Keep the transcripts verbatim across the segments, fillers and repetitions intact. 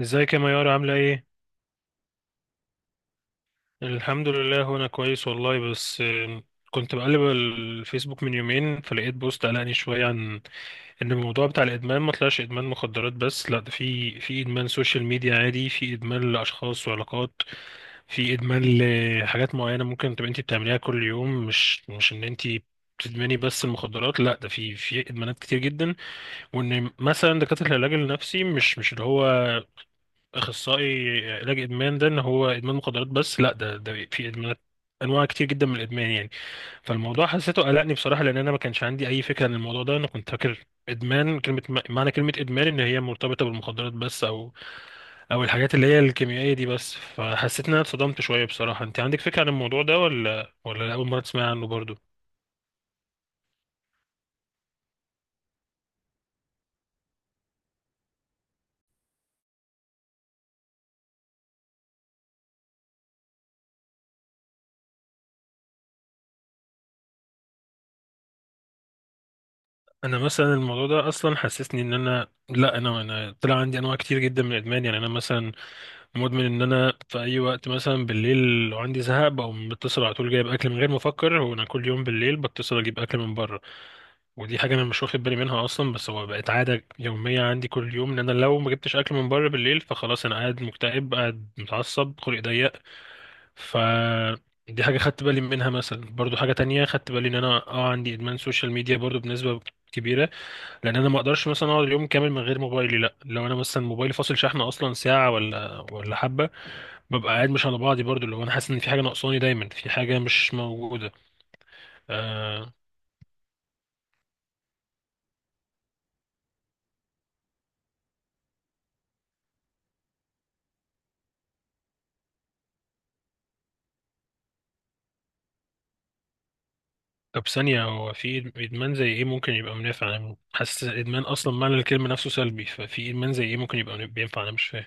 ازيك يا ميار عاملة ايه؟ الحمد لله وانا كويس والله بس آم، كنت بقلب الفيسبوك من يومين فلقيت بوست قلقني شوية عن ان الموضوع بتاع الادمان ما طلعش ادمان مخدرات بس، لا، ده في في ادمان سوشيال ميديا عادي، في ادمان لاشخاص وعلاقات، في ادمان لحاجات معينة ممكن تبقى انت بتعمليها كل يوم، مش مش ان انت بتدمني بس المخدرات، لا ده في في ادمانات كتير جدا، وان مثلا دكاتره العلاج النفسي مش مش اللي هو اخصائي علاج ادمان ده ان هو ادمان مخدرات بس، لا ده ده في ادمانات انواع كتير جدا من الادمان يعني. فالموضوع حسيته قلقني بصراحه، لان انا ما كانش عندي اي فكره عن الموضوع ده. انا كنت فاكر ادمان كلمه، معنى كلمه ادمان ان هي مرتبطه بالمخدرات بس، او او الحاجات اللي هي الكيميائيه دي بس. فحسيت ان انا اتصدمت شويه بصراحه. انت عندك فكره عن الموضوع ده ولا ولا اول مره تسمع عنه برضو؟ انا مثلا الموضوع ده اصلا حسسني ان انا، لا، انا انا طلع عندي انواع كتير جدا من الادمان يعني. انا مثلا مدمن ان انا في اي وقت مثلا بالليل لو عندي زهق بقوم بتصل على طول جايب اكل من غير ما افكر، وانا كل يوم بالليل بتصل اجيب اكل من بره. ودي حاجه انا مش واخد بالي منها اصلا، بس هو بقت عاده يوميه عندي كل يوم، ان انا لو ما جبتش اكل من بره بالليل فخلاص انا قاعد مكتئب، قاعد متعصب، خلقي ضيق. ف دي حاجه خدت بالي منها. مثلا برضو حاجه تانية خدت بالي ان انا اه عندي ادمان سوشيال ميديا برضو بنسبه كبيره، لان انا ما اقدرش مثلا اقعد اليوم كامل من غير موبايلي. لا، لو انا مثلا موبايلي فاصل شحن اصلا ساعه ولا ولا حبه ببقى قاعد مش على بعضي، برضو لو انا حاسس ان في حاجه ناقصاني، دايما في حاجه مش موجوده. آه. طب ثانيه، هو في ادمان زي ايه ممكن يبقى منافع؟ انا حاسس الادمان اصلا معنى الكلمه نفسه سلبي، ففي ادمان زي ايه ممكن يبقى بينفع؟ انا مش فاهم.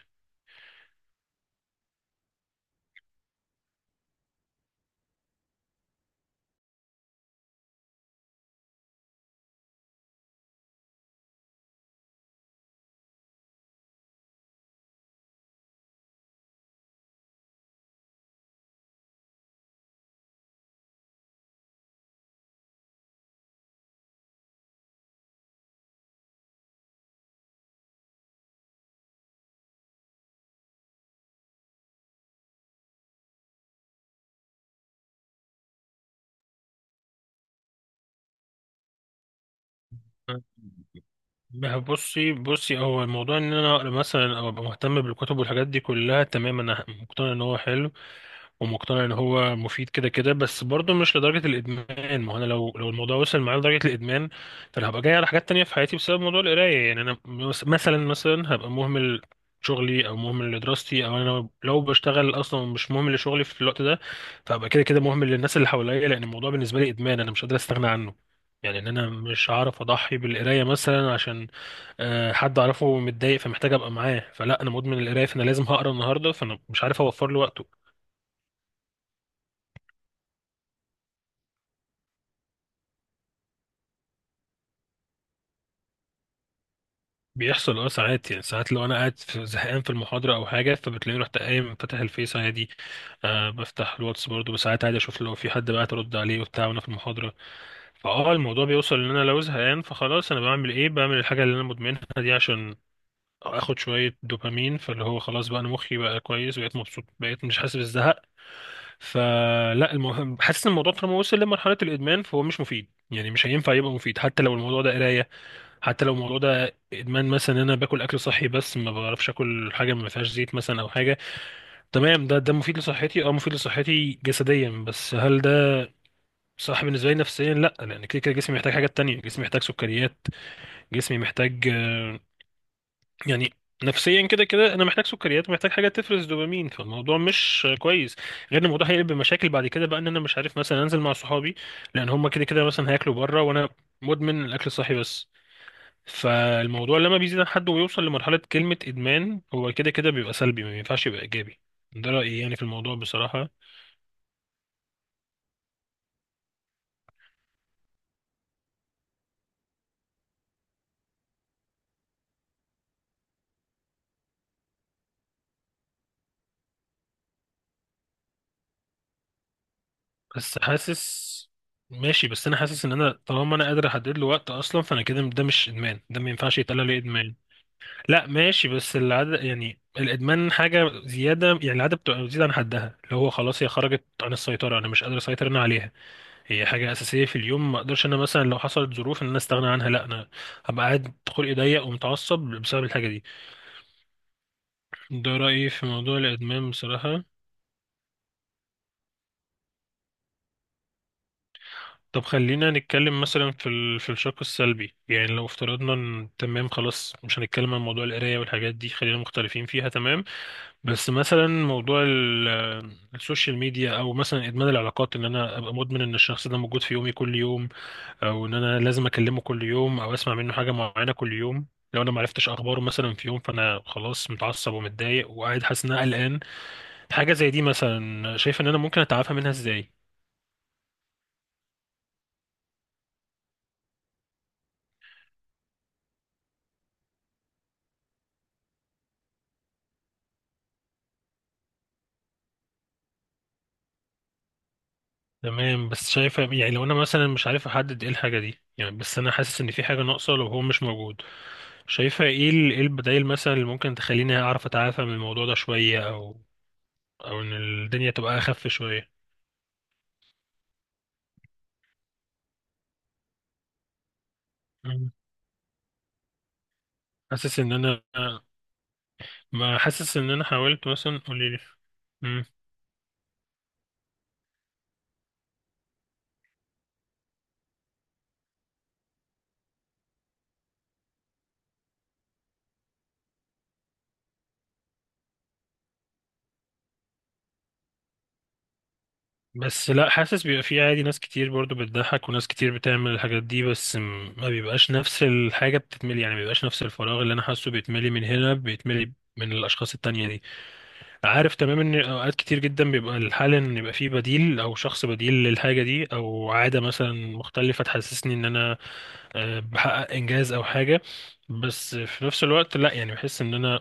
ما بصي بصي، هو الموضوع ان انا اقرا مثلا او ابقى مهتم بالكتب والحاجات دي كلها، تمام، انا مقتنع ان هو حلو ومقتنع ان هو مفيد كده كده، بس برضه مش لدرجه الادمان. ما هو انا لو لو الموضوع وصل معايا لدرجه الادمان فانا هبقى جاي على حاجات تانية في حياتي بسبب موضوع القرايه. يعني انا مس- مثلا مثلا هبقى مهمل شغلي او مهمل لدراستي، او انا لو بشتغل اصلا مش مهمل لشغلي في الوقت ده، فهبقى كده كده مهمل للناس اللي حواليا، لان الموضوع بالنسبه لي ادمان انا مش قادر استغنى عنه. يعني ان انا مش هعرف اضحي بالقرايه مثلا عشان آه، حد اعرفه متضايق فمحتاج ابقى معاه، فلا انا مدمن القرايه فانا لازم هقرا النهارده فانا مش عارف اوفر له وقت. بيحصل، اه. ساعات يعني، ساعات لو انا قاعد في- زهقان في المحاضره او حاجه فبتلاقيني رحت قايم فاتح الفيس عادي. آه، بفتح الواتس برضه ساعات عادي، اشوف لو في حد بعت ارد عليه وبتاع وانا في المحاضره. فاه، الموضوع بيوصل ان انا لو زهقان فخلاص انا بعمل ايه، بعمل الحاجه اللي انا مدمنها دي، عشان اخد شويه دوبامين فاللي هو خلاص بقى انا مخي بقى كويس، بقيت مبسوط، بقيت مش حاسس بالزهق. فلا، المهم حاسس ان الموضوع طالما وصل لمرحله الادمان فهو مش مفيد، يعني مش هينفع يبقى مفيد حتى لو الموضوع ده قرايه، حتى لو الموضوع ده ادمان مثلا ان انا باكل اكل صحي بس ما بعرفش اكل حاجه ما فيهاش زيت مثلا او حاجه. تمام، ده ده مفيد لصحتي، اه، مفيد لصحتي جسديا، بس هل ده صح بالنسبه لي نفسيا؟ لا، لان كده كده جسمي محتاج حاجات تانية، جسمي محتاج سكريات، جسمي محتاج، آه، يعني، نفسيا كده كده انا محتاج سكريات، محتاج حاجه تفرز دوبامين، فالموضوع مش كويس. غير ان الموضوع هيقلب بمشاكل بعد كده، بقى ان انا مش عارف مثلا انزل مع صحابي لان هم كده كده مثلا هياكلوا بره وانا مدمن الاكل الصحي بس. فالموضوع لما بيزيد عن حد ويوصل لمرحلة كلمة إدمان هو كده كده بيبقى سلبي، ما ينفعش يبقى إيجابي. ده رأيي يعني في الموضوع بصراحة. بس حاسس. ماشي، بس أنا حاسس إن أنا طالما أنا قادر أحدد له وقت أصلا فأنا كده ده مش إدمان، ده ما ينفعش يتقال عليه إدمان. لا ماشي، بس العادة يعني، الإدمان حاجة زيادة يعني، العادة بتبقى بتزيد عن حدها اللي هو خلاص هي خرجت عن السيطرة، أنا مش قادر أسيطر أنا عليها. هي حاجة أساسية في اليوم، ما أقدرش أنا مثلا لو حصلت ظروف إن أنا أستغنى عنها، لا، أنا هبقى قاعد خلقي ضيق ومتعصب بسبب الحاجة دي. ده رأيي في موضوع الإدمان بصراحة. طب خلينا نتكلم مثلا في ال... في الشق السلبي. يعني لو افترضنا ان تمام، خلاص، مش هنتكلم عن موضوع القراية والحاجات دي، خلينا مختلفين فيها، تمام. بس مثلا موضوع ال... السوشيال ميديا، او مثلا ادمان العلاقات، ان انا ابقى مدمن ان الشخص ده موجود في يومي كل يوم، او ان انا لازم اكلمه كل يوم او اسمع منه حاجة معينة كل يوم. لو انا معرفتش اخباره مثلا في يوم فانا خلاص متعصب ومتضايق وقاعد حاسس ان انا قلقان. حاجة زي دي مثلا شايف ان انا ممكن اتعافى منها ازاي؟ تمام، بس شايفة يعني، لو انا مثلا مش عارف احدد ايه الحاجة دي يعني، بس انا حاسس ان في حاجة ناقصة لو هو مش موجود. شايفة ايه ال- ايه البدائل مثلا اللي ممكن تخليني اعرف اتعافى من الموضوع ده شوية، او او ان الدنيا تبقى اخف شوية؟ مم. حاسس ان انا. ما حاسس ان انا حاولت مثلا، قولي لي. مم. بس لا، حاسس بيبقى في عادي، ناس كتير برضو بتضحك وناس كتير بتعمل الحاجات دي، بس م- ما بيبقاش نفس الحاجة بتتملي، يعني ما بيبقاش نفس الفراغ اللي انا حاسه بيتملي من هنا بيتملي من الاشخاص التانية دي. عارف تمام ان اوقات كتير جدا بيبقى الحل ان يبقى فيه بديل او شخص بديل للحاجه دي، او عاده مثلا مختلفه تحسسني ان انا، آه، بحقق انجاز او حاجه. بس في نفس الوقت لا يعني، بحس ان انا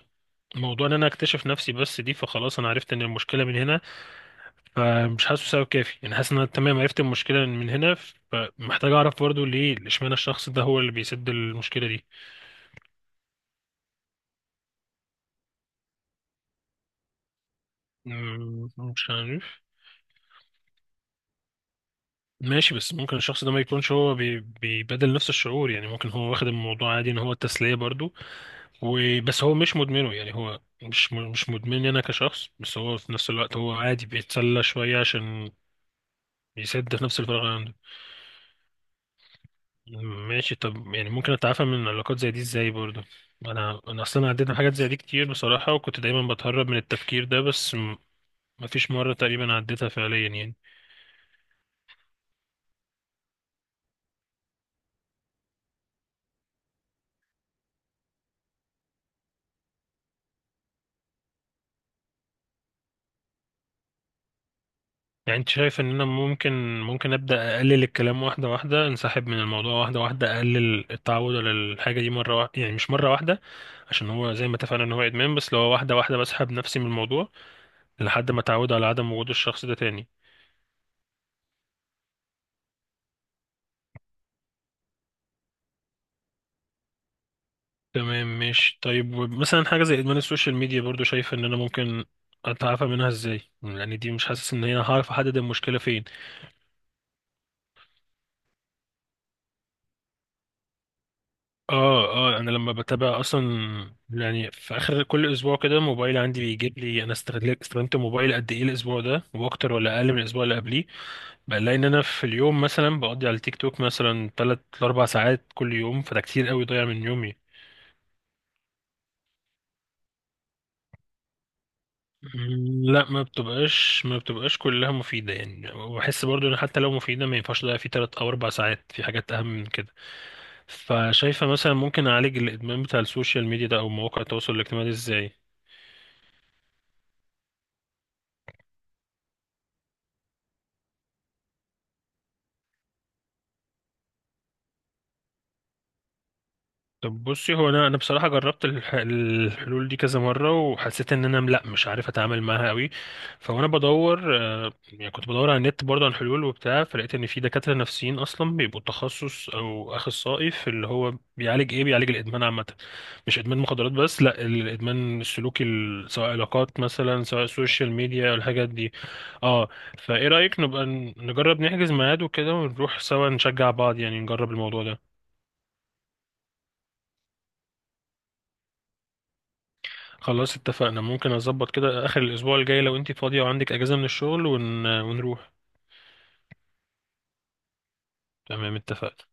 موضوع ان انا اكتشف نفسي بس دي فخلاص انا عرفت ان المشكله من هنا، فمش حاسه سبب كافي. يعني حاسس ان انا تمام عرفت المشكله من هنا، فمحتاج اعرف برضو ليه اشمعنى الشخص ده هو اللي بيسد المشكله دي. مم، مش عارف. ماشي، بس ممكن الشخص ده ما يكونش هو بي- بيبادل نفس الشعور. يعني ممكن هو واخد الموضوع عادي ان هو التسلية برضو وبس، هو مش مدمنه، يعني هو مش م- مش مدمن انا كشخص، بس هو في نفس الوقت هو عادي بيتسلى شوية عشان يسد في نفس الفراغ اللي عنده. ماشي، طب يعني ممكن اتعافى من علاقات زي دي ازاي برضو؟ انا انا اصلا عديت من حاجات زي دي كتير بصراحة، وكنت دايما بتهرب من التفكير ده، بس م- مفيش مرة تقريبا عديتها فعليا يعني. يعني انت شايف ان انا ممكن، ممكن ابدا اقلل الكلام واحده واحده، انسحب من الموضوع واحده واحده، اقلل التعود على الحاجه دي مره واحده؟ يعني مش مره واحده عشان هو زي ما اتفقنا ان هو ادمان، بس لو واحده واحده بسحب نفسي من الموضوع لحد ما اتعود على عدم وجود الشخص ده تاني. تمام ماشي. طيب مثلا حاجه زي ادمان السوشيال ميديا برضو شايف ان انا ممكن اتعافى منها ازاي؟ يعني دي مش حاسس ان انا هعرف احدد المشكله فين. اه، اه انا لما بتابع اصلا، يعني في اخر كل اسبوع كده موبايل عندي بيجيب لي انا استغلت استخدمت موبايل قد ايه الاسبوع ده واكتر ولا اقل من الاسبوع اللي قبليه. بلاقي ان انا في اليوم مثلا بقضي على التيك توك مثلا ثلاث اربعة ساعات كل يوم، فده كتير قوي ضايع من يومي. مم، لا، ما بتبقاش ما بتبقاش كلها مفيدة يعني، وبحس برضو ان حتى لو مفيدة ما ينفعش اضيع فيه تلات او اربع ساعات في حاجات اهم من كده. فشايفة مثلا ممكن اعالج الادمان بتاع السوشيال ميديا ده او مواقع التواصل الاجتماعي ده ازاي؟ طب بصي، هو انا انا بصراحه جربت الح- الحلول دي كذا مره وحسيت ان انا لا مش عارف اتعامل معاها قوي. فانا بدور، آه، يعني كنت بدور على النت برضه عن حلول وبتاع، فلقيت ان في دكاتره نفسيين اصلا بيبقوا تخصص او اخصائي في اللي هو بيعالج ايه، بيعالج الادمان عامه، مش ادمان مخدرات بس، لا، الادمان السلوكي ال- سواء علاقات مثلا، سواء سوشيال ميديا، الحاجات دي. اه، فايه رايك نبقى ن- نجرب نحجز ميعاد وكده ونروح سوا نشجع بعض يعني، نجرب الموضوع ده؟ خلاص اتفقنا. ممكن اظبط كده اخر الاسبوع الجاي لو انتي فاضية وعندك اجازة من الشغل ون... ونروح. تمام اتفقنا.